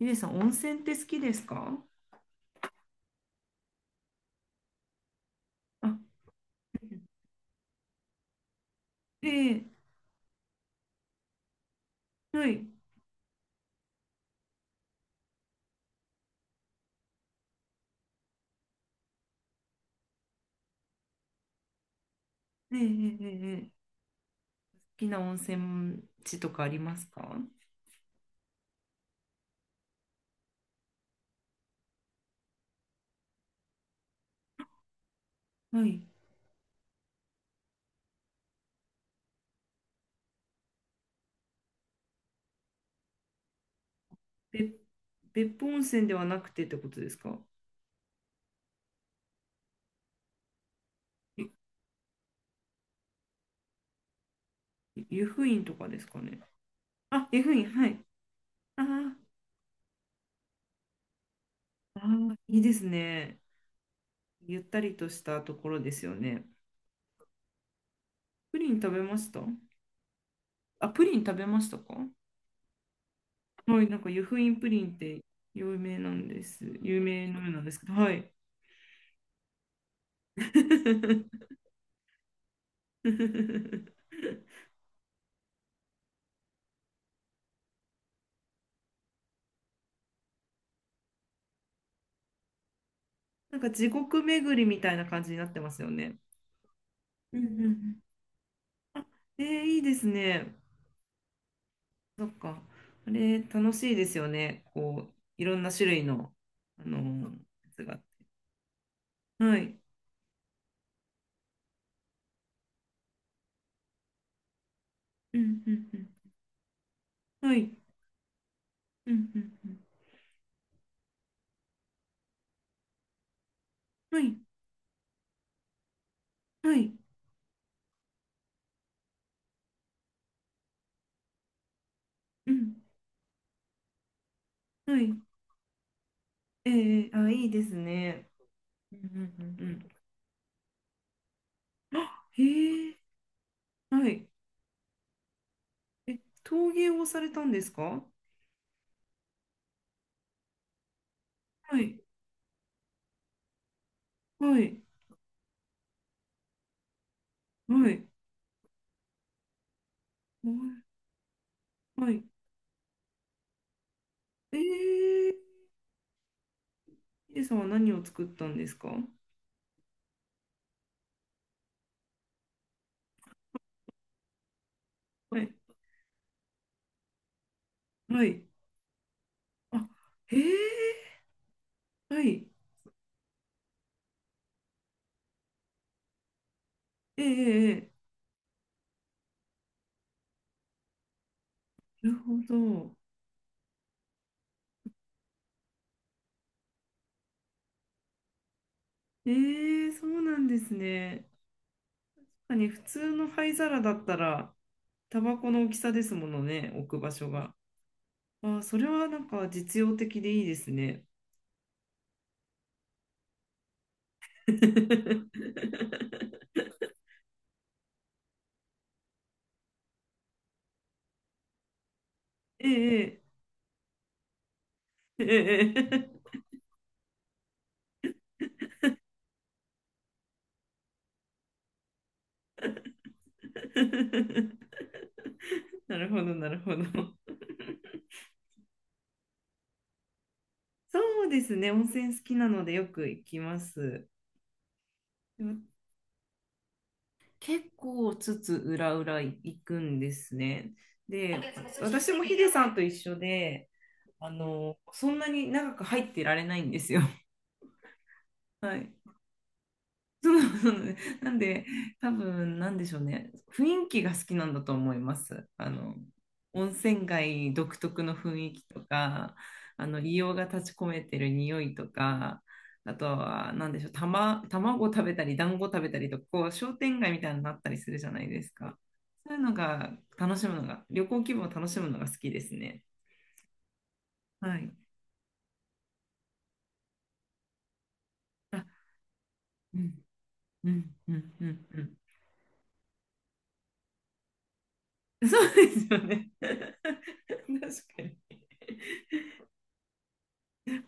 ゆりさん、温泉って好きですか？あ、ええ、はい。ええええええ好きな温泉地とかありますか？はい。べ、別府温泉ではなくてってことですか？湯布院とかですかね。あ、湯布院、はい。あーあー、いいですね。ゆったりとしたところですよね。プリン食べました？あ、プリン食べましたか？はい、なんか湯布院プリンって有名なんです。有名のようなんですけど、はい。なんか地獄巡りみたいな感じになってますよね。うんうんうん。あ、いいですね。そっか。あれ、楽しいですよね。こう、いろんな種類の、あのーやつが。はい。うんうんうん。はい。うんうんうん。はい。はい。うん。はい。えあ、いいですね。うんうんうんうん。あ、へえ。はい。え、陶芸をされたんですか？はい。はい。はい。はい。はい。えーヒデさんは何を作ったんですか？はい。はい。あ、へえ。はい。ええ、ええ。なるほど。ええ、そうなんですね。確かに普通の灰皿だったら、タバコの大きさですものね、置く場所が。あ、それはなんか実用的でいいですね。ええ、ええ、ええ。なるほど、なるほど。そうですね、温泉好きなのでよく行きます。結構裏裏行くんですね。で、私もヒデさんと一緒で、そんなに長く入ってられないんですよ。はい。そうそうね、なんで、多分なんでしょうね、雰囲気が好きなんだと思います。あの温泉街独特の雰囲気とか、あの硫黄が立ち込めてる匂いとか、あとは、なんでしょう、卵食べたり、団子食べたりとか、こう商店街みたいになったりするじゃないですか。そういうのが楽しむのが、旅行気分を楽しむのが好きですね。はい。あ、うん、うん、うん、うん、うん。そうですよね。確かに。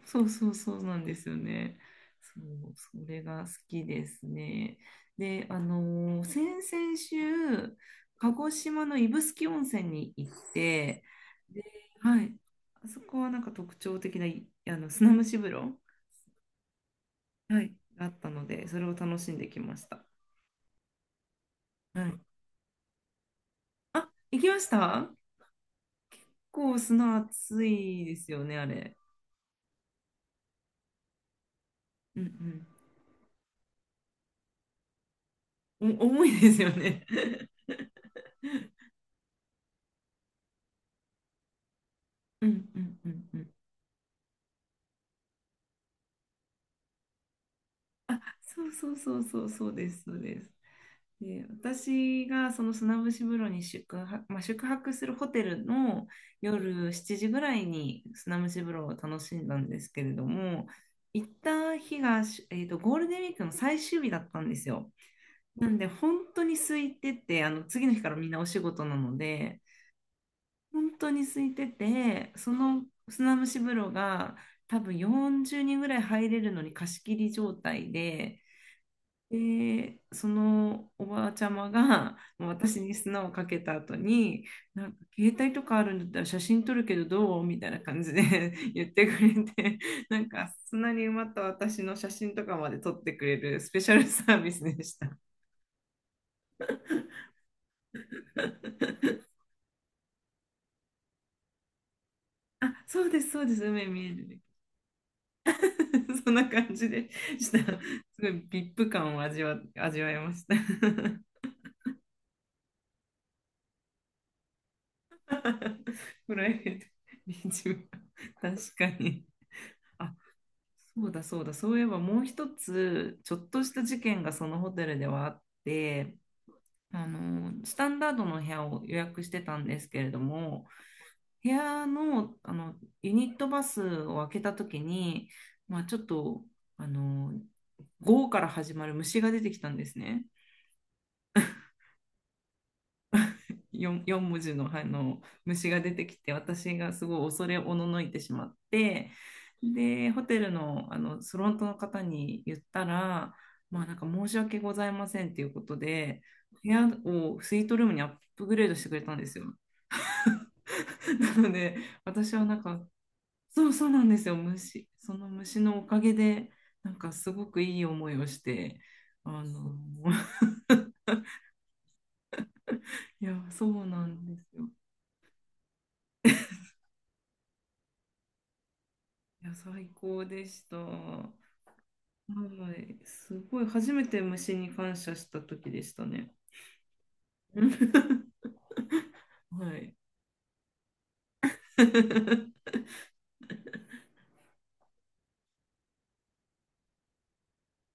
そうそうそう、なんですよね。そう、それが好きですね。で、先々週、鹿児島の指宿温泉に行って、で、はい、あそこはなんか特徴的な、あの砂蒸し風呂、はい、があったので、それを楽しんできました。はい。あ、行きました？結構砂熱いですよね、あれ。うんうん。重いですよね。うんうんうんうん。そうそうそうそう、そうです、そうです。で、私がその砂節風呂にまあ、宿泊するホテルの夜7時ぐらいに砂蒸し風呂を楽しんだんですけれども、行った日が、ゴールデンウィークの最終日だったんですよ。なんで本当に空いてて、あの次の日からみんなお仕事なので、本当に空いてて、その砂蒸し風呂が多分40人ぐらい入れるのに貸し切り状態で。で、そのおばあちゃまがまあ私に砂をかけた後に、なんか携帯とかあるんだったら写真撮るけどどう、みたいな感じで 言ってくれて、なんか砂に埋まった私の写真とかまで撮ってくれるスペシャルサービスでした。あ、そうです、そうです、海見えるね。そんな感じでした。すごい v ップ感を味わいました。プライベートビーチ部、確かに。そうだそうだ、そういえばもう一つ、ちょっとした事件がそのホテルではあって、スタンダードの部屋を予約してたんですけれども、部屋の、ユニットバスを開けた時に、まあちょっと、あの、午後から始まる虫が出てきたんですね。4文字の、あの虫が出てきて私がすごい恐れおののいてしまって、でホテルの、あのフロントの方に言ったら、まあ、なんか申し訳ございませんということで、部屋をスイートルームにアップグレードしてくれたんですよ。なので、私はなんか、そうそうなんですよ、虫、その虫のおかげで、なんかすごくいい思いをして、あのいや、そうなんですよ。いや、最高でした。はい、すごい、初めて虫に感謝した時でしたね。うん はい。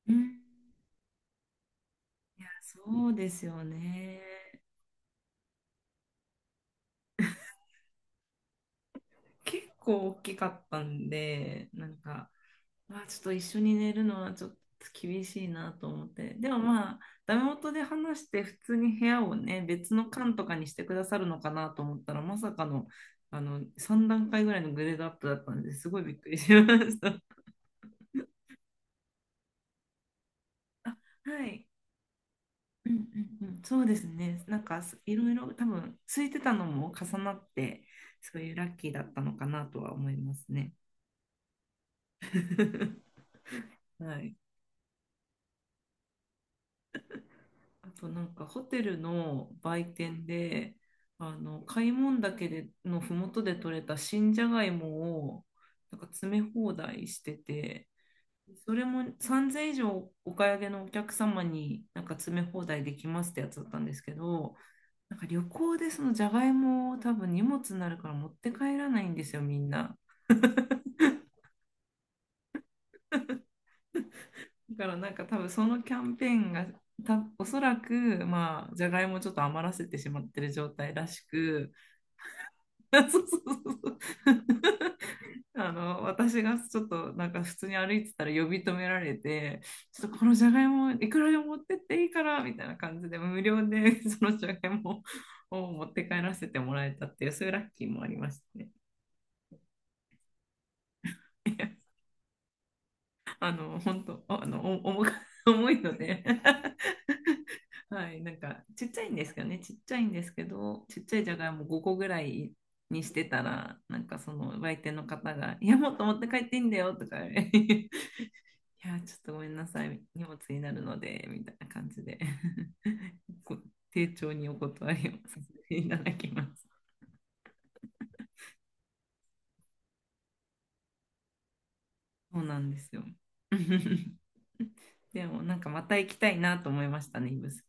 うん、そうですよね。結構大きかったんで、なんか、まあ、ちょっと一緒に寝るのはちょっと厳しいなと思って。でもまあ、ダメ元で話して普通に部屋をね、別の館とかにしてくださるのかなと思ったら、まさかの、3段階ぐらいのグレードアップだったんで、すごいびっくりしました。あ、はい。うんうんうん、そうですね。なんかいろいろ多分空いてたのも重なって、そういうラッキーだったのかなとは思いますね。はい。あとなんかホテルの売店で、あの開聞岳でのふもとで採れた新じゃがいもをなんか詰め放題してて、それも3000以上お買い上げのお客様になんか詰め放題できますってやつだったんですけど、なんか旅行でそのじゃがいもを多分荷物になるから持って帰らないんですよ、みんな。だからなんか多分そのキャンペーンがおそらくまあじゃがいもをちょっと余らせてしまってる状態らしく、 そうそうそうそう 私がちょっとなんか普通に歩いてたら呼び止められて、ちょっとこのじゃがいもいくらでも持ってっていいから、みたいな感じで無料で そのじゃがいもを持って帰らせてもらえたっていう、そういうラッキーもありましたね。本当、お重く 重いので はい、なんか、ちっちゃいんですかね、ちっちゃいんですけど、ちっちゃいじゃがいも5個ぐらいにしてたら、なんかその売店の方が、いや、もっと持って帰っていいんだよ、とか、いや、ちょっとごめんなさい、荷物になるので、みたいな感じで こ丁重にお断りをさせていただきます。そうなんですよ。でも、なんかまた行きたいなと思いましたね、指宿。